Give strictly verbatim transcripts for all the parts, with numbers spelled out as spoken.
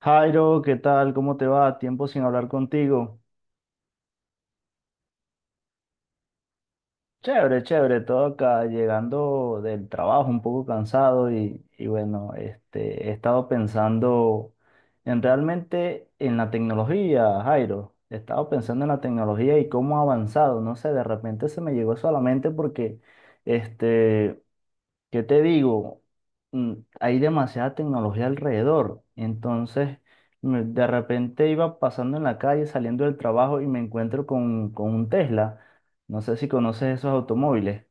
Jairo, ¿qué tal? ¿Cómo te va? Tiempo sin hablar contigo. Chévere, chévere, todo acá, llegando del trabajo un poco cansado y, y bueno, este, he estado pensando en realmente en la tecnología, Jairo. He estado pensando en la tecnología y cómo ha avanzado. No sé, de repente se me llegó solamente porque este, ¿qué te digo? Mm, Hay demasiada tecnología alrededor. Entonces, me- de repente iba pasando en la calle, saliendo del trabajo y me encuentro con, con un Tesla. No sé si conoces esos automóviles.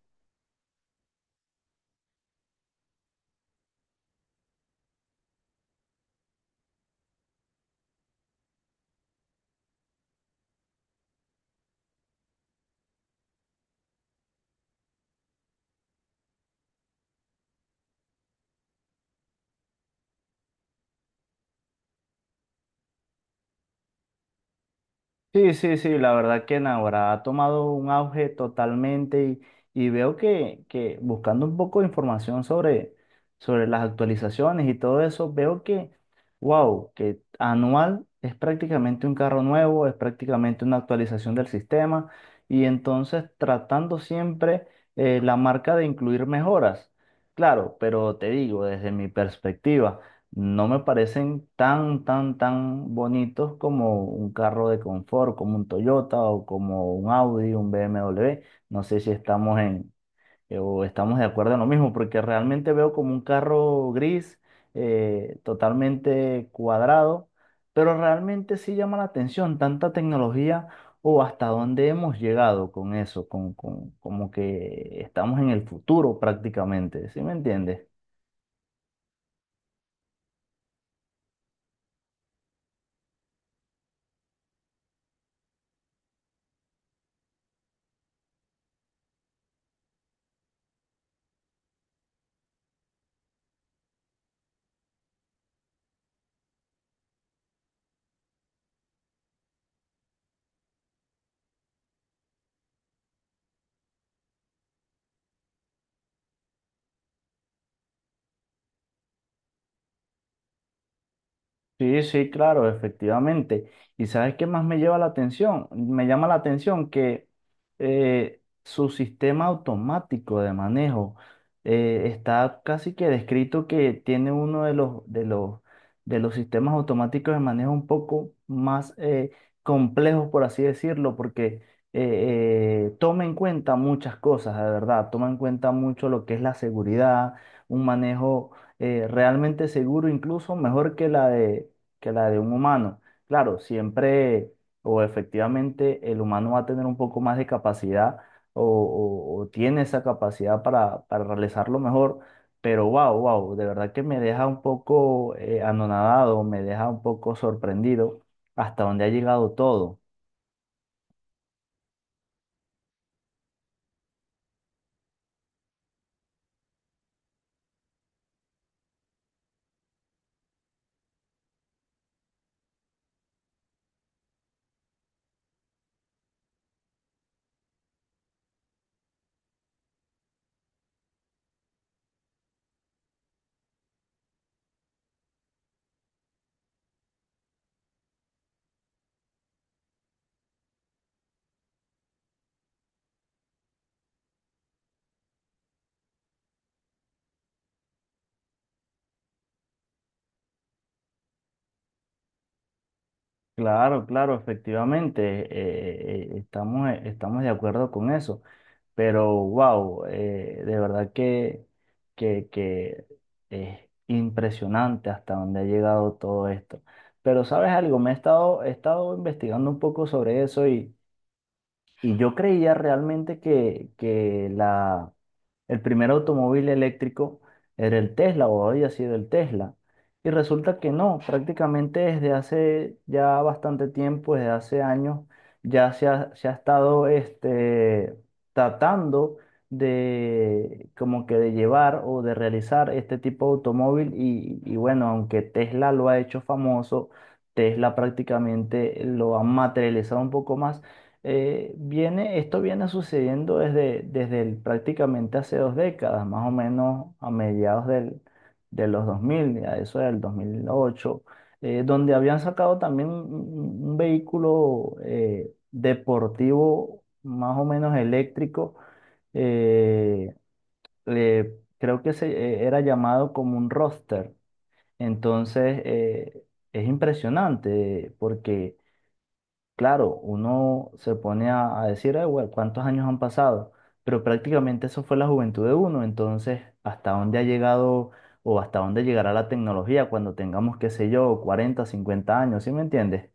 Sí, sí, sí, la verdad que Navarra ha tomado un auge totalmente y, y veo que, que buscando un poco de información sobre, sobre las actualizaciones y todo eso, veo que, wow, que anual es prácticamente un carro nuevo, es prácticamente una actualización del sistema y entonces tratando siempre eh, la marca de incluir mejoras. Claro, pero te digo, desde mi perspectiva. No me parecen tan, tan, tan bonitos como un carro de confort, como un Toyota o como un Audi, un B M W. No sé si estamos en, eh, o estamos de acuerdo en lo mismo, porque realmente veo como un carro gris, eh, totalmente cuadrado, pero realmente sí llama la atención tanta tecnología o hasta dónde hemos llegado con eso, con, con- como que estamos en el futuro prácticamente, ¿sí me entiendes? Sí, sí, claro, efectivamente. ¿Y sabes qué más me lleva la atención? Me llama la atención que eh, su sistema automático de manejo eh, está casi que descrito que tiene uno de los, de los, de los sistemas automáticos de manejo un poco más eh, complejos, por así decirlo, porque eh, eh, toma en cuenta muchas cosas, de verdad, toma en cuenta mucho lo que es la seguridad, un manejo eh, realmente seguro, incluso mejor que la de, que la de un humano. Claro, siempre o efectivamente el humano va a tener un poco más de capacidad o, o- o tiene esa capacidad para, para realizarlo mejor, pero wow, wow, de verdad que me deja un poco eh, anonadado, me deja un poco sorprendido hasta dónde ha llegado todo. Claro, claro, efectivamente, eh, eh, estamos, eh, estamos de acuerdo con eso, pero wow, de verdad que, que, que es impresionante hasta dónde ha llegado todo esto. Pero ¿sabes algo? Me he estado, he estado investigando un poco sobre eso y, y yo creía realmente que, que la el primer automóvil eléctrico era el Tesla o había sido el Tesla. Y resulta que no, prácticamente desde hace ya bastante tiempo, desde hace años, ya se ha, se ha estado este, tratando de como que de llevar o de realizar este tipo de automóvil. Y, y bueno, aunque Tesla lo ha hecho famoso, Tesla prácticamente lo ha materializado un poco más eh, viene, esto viene sucediendo desde, desde el- prácticamente hace dos décadas, más o menos a mediados del, de los dos mil a eso del dos mil ocho, eh, donde habían sacado también un, un- un vehículo eh, deportivo más o menos eléctrico, eh, le- creo que se, eh, era llamado como un roster. Entonces, eh, es impresionante porque claro, uno se pone a, a decir, "Ay, güey, ¿cuántos años han pasado? Pero prácticamente eso fue la juventud de uno. Entonces, ¿hasta dónde ha llegado o hasta dónde llegará la tecnología cuando tengamos, qué sé yo, cuarenta, cincuenta años? ¿Sí me entiendes?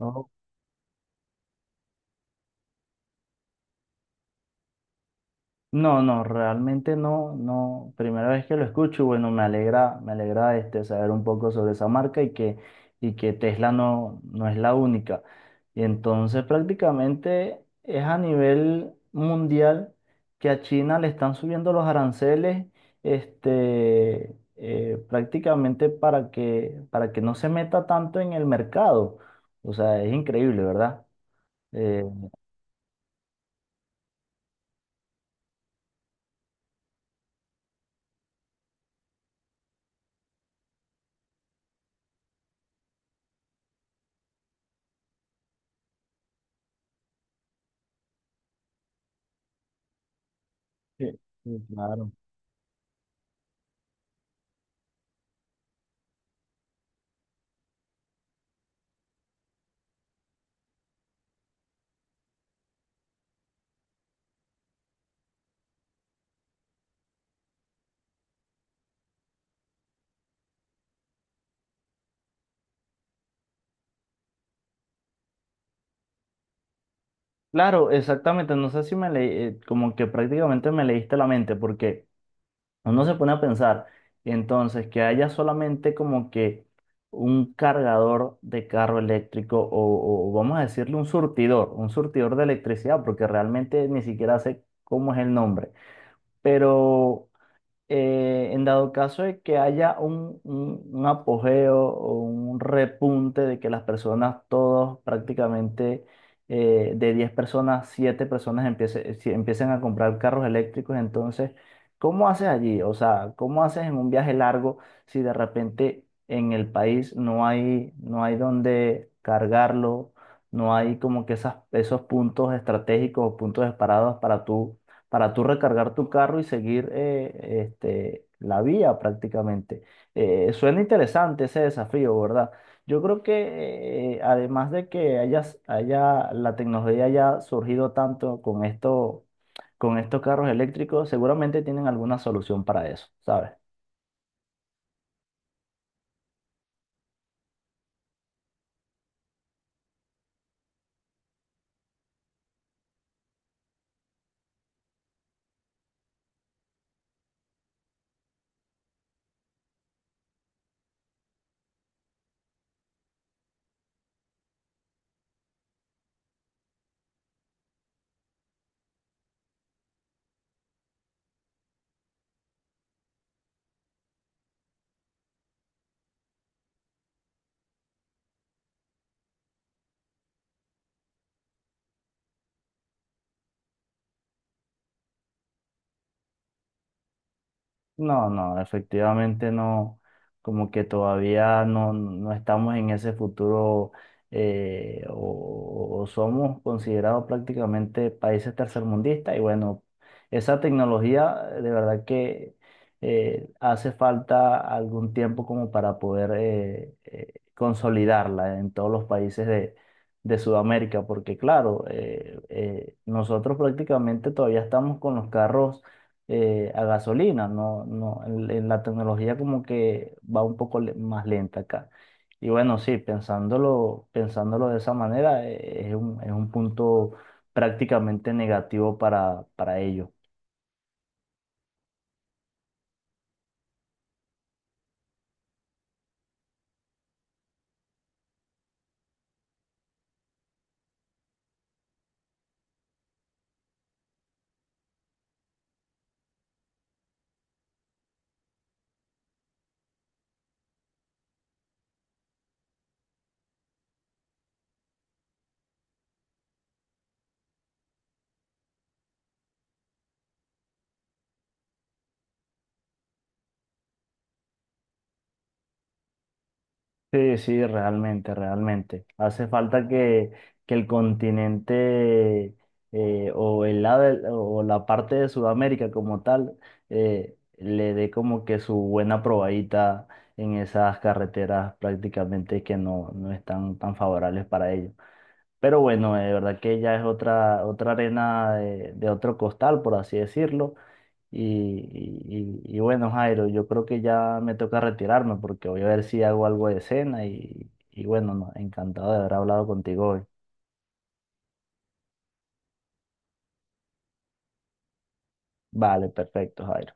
No, no, no, realmente no, no. Primera vez que lo escucho, y bueno, me alegra, me alegra este saber un poco sobre esa marca y que, y que Tesla no, no es la única. Y entonces prácticamente es a nivel mundial que a China le están subiendo los aranceles, este, eh, prácticamente para que, para que no se meta tanto en el mercado. O sea, es increíble, ¿verdad? Eh, Sí, sí, claro. Claro, exactamente. No sé si me leí, eh, como que prácticamente me leíste la mente, porque uno se pone a pensar, entonces, que haya solamente como que un cargador de carro eléctrico o, o vamos a decirle un surtidor, un surtidor de electricidad, porque realmente ni siquiera sé cómo es el nombre. Pero eh, en dado caso de que haya un, un- un apogeo o un repunte de que las personas, todos prácticamente eh, de diez personas, siete personas empiece- si- empiecen a comprar carros eléctricos, entonces, ¿cómo haces allí? O sea, ¿cómo haces en un viaje largo si de repente en el país no hay, no hay dónde cargarlo? No hay como que esas, esos puntos estratégicos o puntos separados para tú para tú recargar tu carro y seguir eh, este, la vía prácticamente. Eh, suena interesante ese desafío, ¿verdad? Yo creo que eh, además de que hayas- haya, la tecnología haya surgido tanto con esto, con estos carros eléctricos, seguramente tienen alguna solución para eso, ¿sabes? No, no, efectivamente no, como que todavía no, no estamos en ese futuro eh, o, o somos considerados prácticamente países tercermundistas y bueno, esa tecnología de verdad que eh, hace falta algún tiempo como para poder eh, eh, consolidarla en todos los países de, de Sudamérica, porque claro, eh, eh, nosotros prácticamente todavía estamos con los carros eh, a gasolina, no, no, en, en la tecnología como que va un poco le- más lenta acá. Y bueno, sí, pensándolo, pensándolo de esa manera, eh, es un, es un punto prácticamente negativo para, para ellos. Sí, sí, realmente, realmente. Hace falta que, que el continente eh, o el lado del- o la parte de Sudamérica como tal eh, le dé como que su buena probadita en esas carreteras prácticamente que no, no están tan favorables para ellos. Pero bueno, de verdad que ya es otra, otra arena de, de otro costal, por así decirlo. Y, y- y- bueno, Jairo, yo creo que ya me toca retirarme porque voy a ver si hago algo de cena y, y bueno, no, encantado de haber hablado contigo hoy. Vale, perfecto, Jairo.